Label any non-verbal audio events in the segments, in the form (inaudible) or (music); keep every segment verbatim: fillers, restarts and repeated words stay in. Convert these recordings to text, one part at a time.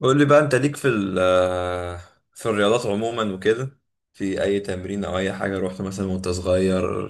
قول لي بقى، انت ليك في ال آه، في الرياضات عموما وكده، في اي تمرين او اي حاجه رحت مثلا وانت صغير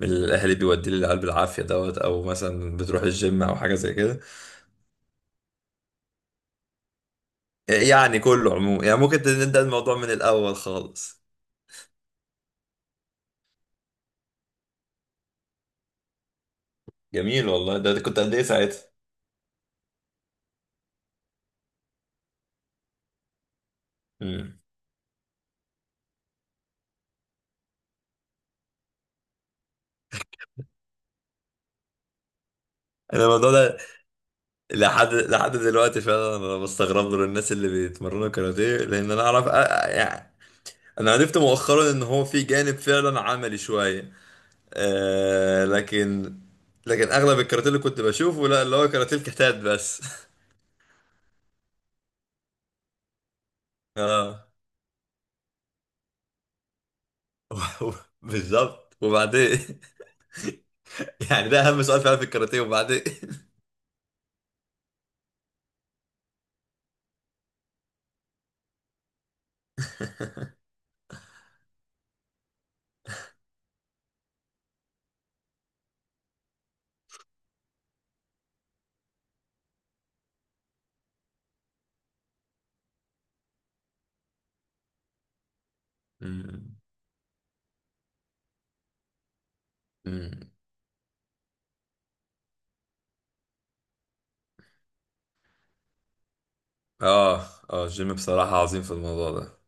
من الاهل بيودي لي العيال بالعافيه دوت، او مثلا بتروح الجيم او حاجه زي كده؟ يعني كله عموما، يعني ممكن نبدا الموضوع من الاول خالص. جميل والله، ده كنت قد ايه ساعتها؟ مم. انا الموضوع ده لحد لحد دلوقتي فعلا انا بستغرب له الناس اللي بيتمرنوا كاراتيه، لان انا اعرف أ- أ- يعني انا عرفت مؤخرا ان هو في جانب فعلا عملي شويه. آه لكن لكن اغلب الكاراتيه اللي كنت بشوفه لا، اللي هو كاراتيه الكتات بس. (laughs) اه. (laughs) بالظبط وبعدين. (laughs) يعني ده اهم سؤال فعلا في الكاراتيه، وبعدين. (laughs) مم. مم. اه، اه، الجيم بصراحة عظيم في الموضوع ده.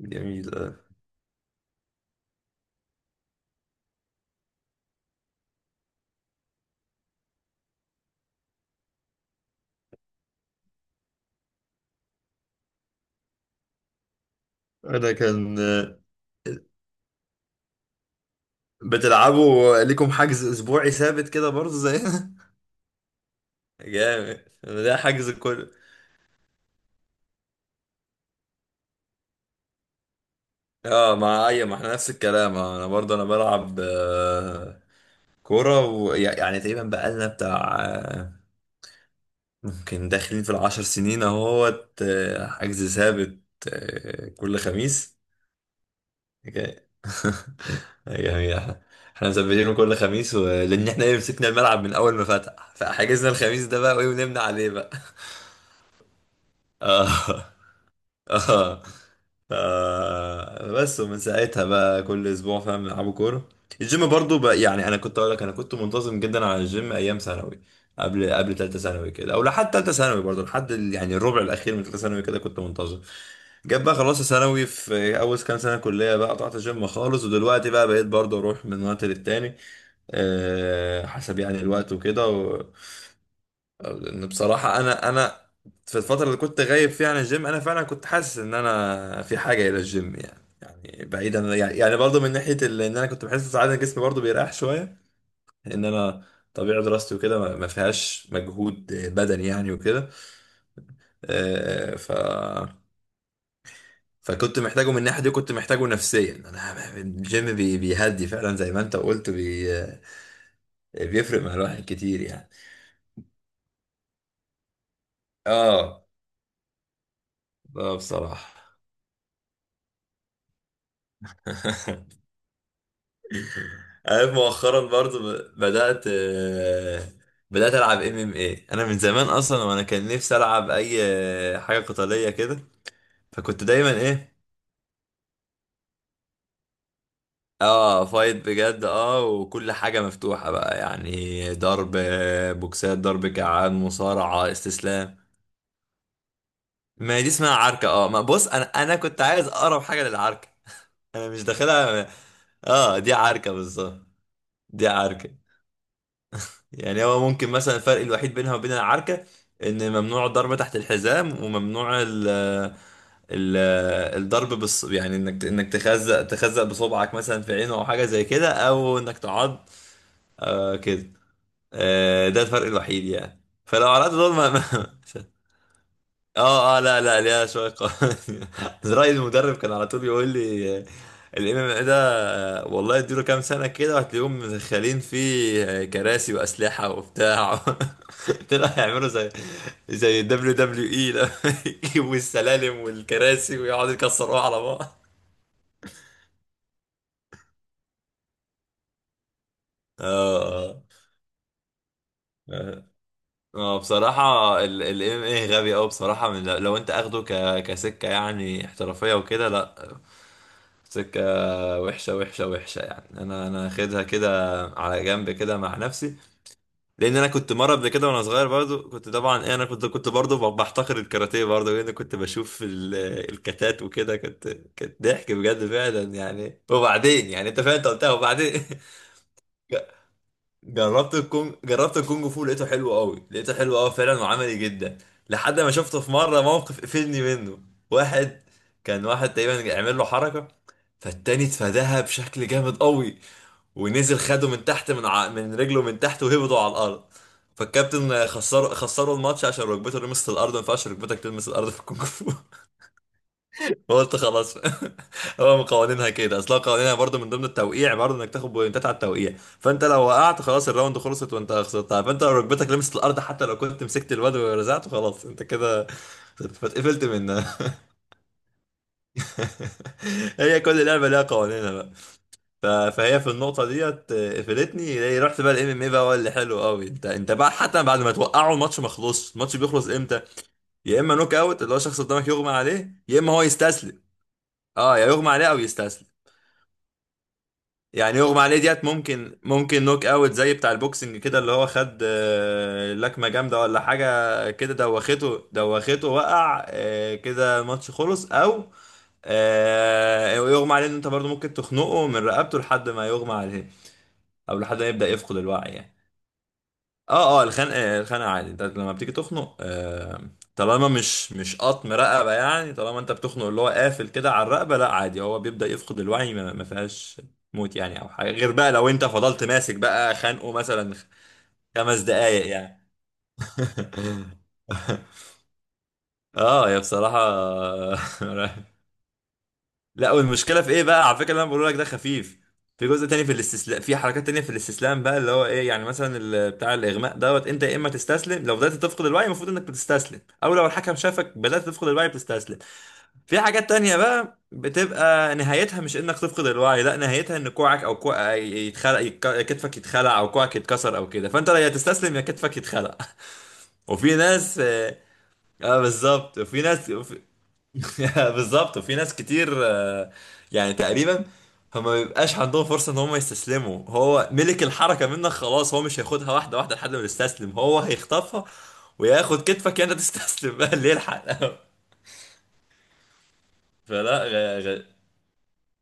جميل. آه. انا كان آه، بتلعبوا ليكم حجز اسبوعي ثابت كده برضه زينا؟ (laughs) جامد، ده حجز كل. اه، مع اي، ما احنا نفس الكلام، آه، انا برضه، انا بلعب، آه، كورة، و... يعني تقريبا بقالنا بتاع، آه، ممكن داخلين في العشر سنين اهوت، آه، حجز ثابت، آه، كل خميس. حكاية. (laughs) يعني احنا احنا مثبتينه كل خميس، و... لان احنا ايه، مسكنا الملعب من اول ما فتح، فحجزنا الخميس ده بقى، وايه، ونمنا عليه بقى. (laughs) اه. اه. آه، بس ومن ساعتها بقى كل اسبوع فاهم بنلعبوا كوره. الجيم برضو بقى، يعني انا كنت اقول لك انا كنت منتظم جدا على الجيم ايام ثانوي، قبل قبل ثالثه ثانوي كده، او لحد ثالثه ثانوي برضو، لحد ال- يعني الربع الاخير من ثالثه ثانوي كده كنت منتظم. جاب بقى خلاص ثانوي، في اول كام سنه كليه بقى قطعت الجيم خالص، ودلوقتي بقى بقيت برضو اروح من وقت للتاني، آه، حسب يعني الوقت وكده. لان بصراحه انا انا في الفتره اللي كنت غايب فيها عن الجيم، انا فعلا كنت حاسس ان انا في حاجه الى الجيم، يعني يعني بعيدا، يعني يعني برضه من ناحيه ال- ان انا كنت بحس ساعات إن جسمي برضه بيريح شويه، ان انا طبيعه دراستي وكده ما ما فيهاش مجهود بدني يعني وكده. آه، ف فكنت محتاجه من الناحيه دي، وكنت محتاجه نفسيا. انا الجيم بي- بيهدي فعلا زي ما انت قلت، بي بيفرق مع الواحد كتير يعني. اه، اه بصراحه. (laughs) عارف، مؤخرا برضو ب- بدأت آه، بدأت ألعب ام ام ايه. أنا من زمان أصلا وأنا كان نفسي ألعب أي، آه، حاجة قتالية كده. فكنت دايما إيه، اه فايت بجد، اه، وكل حاجة مفتوحة بقى، يعني ضرب، آه، بوكسات، ضرب كعان، مصارعة، استسلام. ما هي دي اسمها عركة. اه، ما بص، أنا أنا كنت عايز أقرب حاجة للعركة. (laughs) أنا مش داخلها. اه، دي عركة بالظبط، دي عركة. يعني هو ممكن مثلا الفرق الوحيد بينها وبين العركة ان ممنوع الضرب تحت الحزام، وممنوع ال ال الضرب، بص، يعني انك انك تخزق تخزق بصبعك مثلا في عينه او حاجة زي كده، او انك تعض، آه كده. آه، ده الفرق الوحيد يعني. فلو عرضت دول ما ما- اه. اه، لا، لا ليها شوية قوانين. (laughs) زراير المدرب كان على طول يقول لي الام ام اي ده والله اديله كام سنة كده وهتلاقيهم مدخلين فيه كراسي، وأسلحة، وبتاع. (laughs) طلعوا يعملوا زي زي دبليو دبليو اي. (laughs) لما يجيبوا السلالم والكراسي ويقعدوا يكسروها على بعض. اه. اه، آه، بصراحة ال ام ايه غبي اوي بصراحة، من لو لو انت اخده ك كسكة يعني احترافية وكده، لا. سكة وحشة، وحشة، وحشة، يعني انا انا اخدها كده على جنب كده مع نفسي. لان انا كنت مره قبل كده وانا صغير برضو، كنت طبعا إيه، انا كنت كنت برضو بحتقر الكاراتيه برضو، لان كنت بشوف ال- الكتات وكده، كنت، كانت ضحك بجد فعلا يعني، وبعدين يعني انت فاهم، انت قلتها، وبعدين. (laughs) ج- جربت الكونج جربت الكونج فو، لقيته حلو قوي، لقيته حلو قوي فعلا وعملي جدا لحد ما شفته في مره موقف قفلني منه. واحد، كان واحد تقريبا عمل له حركه، فالتاني اتفاداها بشكل جامد قوي، ونزل خده من تحت، من ع... من رجله من تحت، وهبطوا على الارض. فالكابتن خسر خسروا الماتش عشان ركبته لمست الارض، ما ينفعش ركبتك تلمس الارض في الكونغ فو. (laughs) فقلت خلاص. (laughs) هو من قوانينها كده اصلا، قوانينها برضو من ضمن التوقيع برضو انك تاخد بوينتات على التوقيع، فانت لو وقعت خلاص الراوند خلصت، وانت خسرتها. فانت لو ركبتك لمست الارض حتى لو كنت مسكت الواد ورزعته، خلاص انت كده فاتقفلت منها. (laughs) هي كل لعبه ليها قوانينها بقى. ف- فهي في النقطة ديت، آه، قفلتني. هي رحت بقى الام ام اي بقى، هو اللي حلو قوي. انت انت بقى حتى بعد ما توقعه الماتش ما خلصش، الماتش بيخلص امتى؟ يا اما نوك اوت، اللي هو شخص قدامك يغمى عليه، يا اما هو يستسلم. اه، يا يغمى عليه او يستسلم. يعني يغمى عليه ديت ممكن، ممكن نوك اوت زي بتاع البوكسنج كده، اللي هو خد آه، لكمة جامدة ولا حاجة كده، دوخته، دوخته وقع، آه، كده الماتش خلص. او، آه، يغمى عليه ان انت برضو ممكن تخنقه من رقبته لحد ما يغمى عليه، او لحد ما يبدأ يفقد الوعي يعني. اه، اه، الخنقه، الخنقه عادي، انت لما بتيجي تخنق، آه طالما مش مش قطم رقبه يعني، طالما انت بتخنق اللي هو قافل كده على الرقبه، لا عادي، هو بيبدا يفقد الوعي، ما, ما فيهاش موت يعني، او حاجه غير بقى لو انت فضلت ماسك بقى خانقه مثلا خمس دقايق يعني. (laughs) اه، يا بصراحه. (laughs) لا، والمشكله في ايه بقى على فكره، اللي انا بقول لك ده خفيف. في جزء تاني في الاستسلام، في حركات تانية في الاستسلام بقى، اللي هو ايه يعني، مثلا ال- بتاع الاغماء دوت، انت يا اما تستسلم لو بدات تفقد الوعي، المفروض انك بتستسلم، او لو الحكم شافك بدات تفقد الوعي بتستسلم. في حاجات تانية بقى بتبقى نهايتها مش انك تفقد الوعي، لا، نهايتها ان كوعك، او كوع، يتخلع، يتك- كتفك يتخلع او كوعك يتكسر او كده، فانت يا تستسلم يا كتفك يتخلع. (laughs) وفي ناس، اه، آه، بالظبط وفي ناس. (laughs) بالظبط وفي ناس كتير، آه، يعني تقريبا فما بيبقاش عندهم فرصة ان هم يستسلموا، هو ملك الحركة منك خلاص، هو مش هياخدها واحدة واحدة لحد ما يستسلم، هو هيخطفها وياخد كتفك، انت تستسلم. (laughs) بقى اللي يلحق. (laughs) فلا، غ... غ...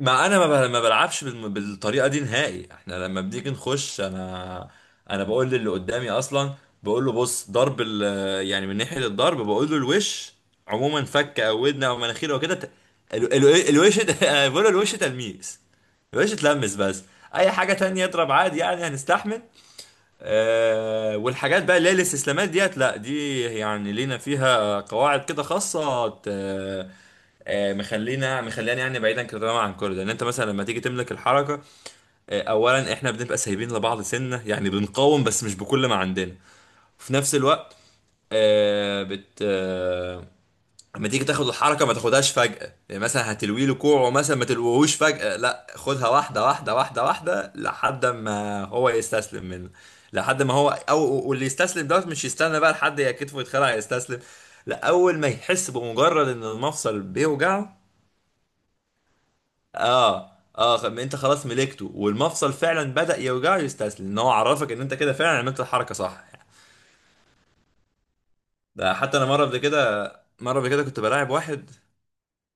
ما انا ما بل- ما بلعبش بالم- بالطريقه دي نهائي. احنا لما بنيجي نخش انا، انا بقول للي قدامي اصلا، بقول له بص ضرب ال... يعني من ناحيه الضرب، بقول له الوش عموما، فك او ودن او مناخير وكده، ت... ال... ال... الوش ت- (laughs) أنا بقول له الوش تلميس، الوش اتلمس بس، اي حاجه تانية اضرب عادي يعني هنستحمل. أه، والحاجات بقى اللي هي الاستسلامات ديت، لا دي يعني لينا فيها قواعد كده خاصه، آه، آه، مخلينا مخلينا يعني بعيدا كده تماما عن كل ده ان انت مثلا لما تيجي تملك الحركه، آه، اولا احنا بنبقى سايبين لبعض سنه يعني، بنقاوم بس مش بكل ما عندنا، وفي نفس الوقت، آه، بت آه، لما تيجي تاخد الحركه ما تاخدهاش فجاه يعني، مثلا هتلوي له كوعه مثلا ما تلويهوش فجاه، لا خدها واحده واحده، واحده واحده، لحد ما هو يستسلم منه، لحد ما هو، او واللي يستسلم دوت مش يستنى بقى لحد يا كتفه يتخلع يستسلم، لا اول ما يحس بمجرد ان المفصل بيوجعه. اه، اه، خ- انت خلاص ملكته والمفصل فعلا بدأ يوجعه، يستسلم ان هو عرفك ان انت كده فعلا عملت الحركه صح. ده حتى انا مره قبل كده، مره قبل كده كنت بلاعب واحد.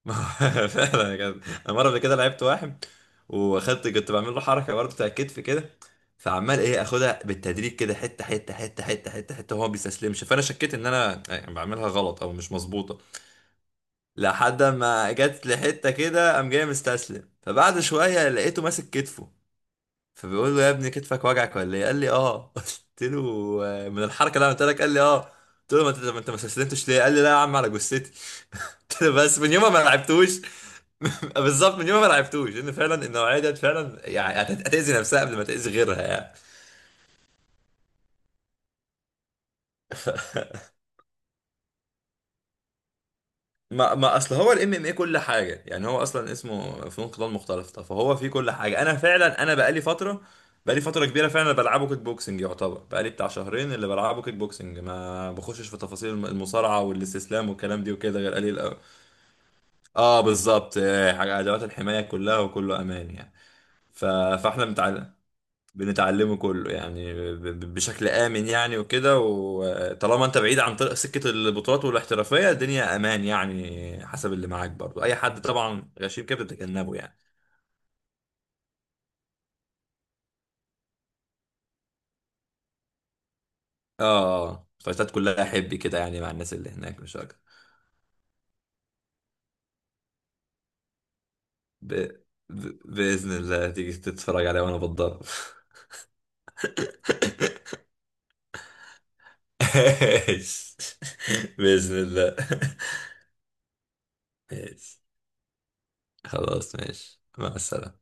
(laughs) فعلا كده. انا مره قبل كده لعبت واحد، واخدت كنت بعمل له حركه برضه بتاع الكتف كده، فعمال ايه اخدها بالتدريج كده، حته حته حته حته حته حته، وهو ما بيستسلمش، فانا شكيت ان انا يعني بعملها غلط او مش مظبوطه، لحد ما جت لحته كده قام جاي مستسلم، فبعد شويه لقيته ماسك كتفه، فبيقول له يا ابني كتفك وجعك ولا ايه، قال لي اه. (laughs) قلت له، آه، من الحركه اللي انا قلت لك، قال لي اه. قلت له ما انت ما انت ما استسلمتش ليه؟ قال لي لا يا عم على جثتي. (laughs) قلت له بس من يوم ما لعبتوش. (laughs) بالظبط، من يوم ما لعبتوش، ان فعلا النوعيه ديت فعلا يعني هت- هتاذي نفسها قبل ما تاذي غيرها يعني. ما ما اصل هو الام ام اي كل حاجه يعني، هو اصلا اسمه فنون قتال مختلطه فهو فيه كل حاجه. انا فعلا انا بقالي فتره، بقالي فتره كبيره فعلا بلعبه كيك بوكسنج، يعتبر بقالي بتاع شهرين اللي بلعبه كيك بوكسنج، ما بخشش في تفاصيل الم- المصارعه والاستسلام والكلام دي وكده غير قليل قوي. اه، بالظبط، آه، حاجه ادوات الحمايه كلها وكله امان يعني. ف... فاحنا متعلم، بنتعلمه كله يعني ب- ب- بشكل آمن يعني وكده، وطالما انت بعيد عن طريق سكة البطولات والاحترافية، الدنيا أمان يعني. حسب اللي معاك برضو، أي حد طبعا غشيم كده بتتجنبه يعني. اه، آه، فايتات كلها حبي كده يعني، مع الناس اللي هناك، مش أكتر. ب... ب... بإذن الله تيجي تتفرج عليها وأنا بتضرب. (laughs) ماشي. بإذن الله. ماشي خلاص، ماشي، مع السلامة.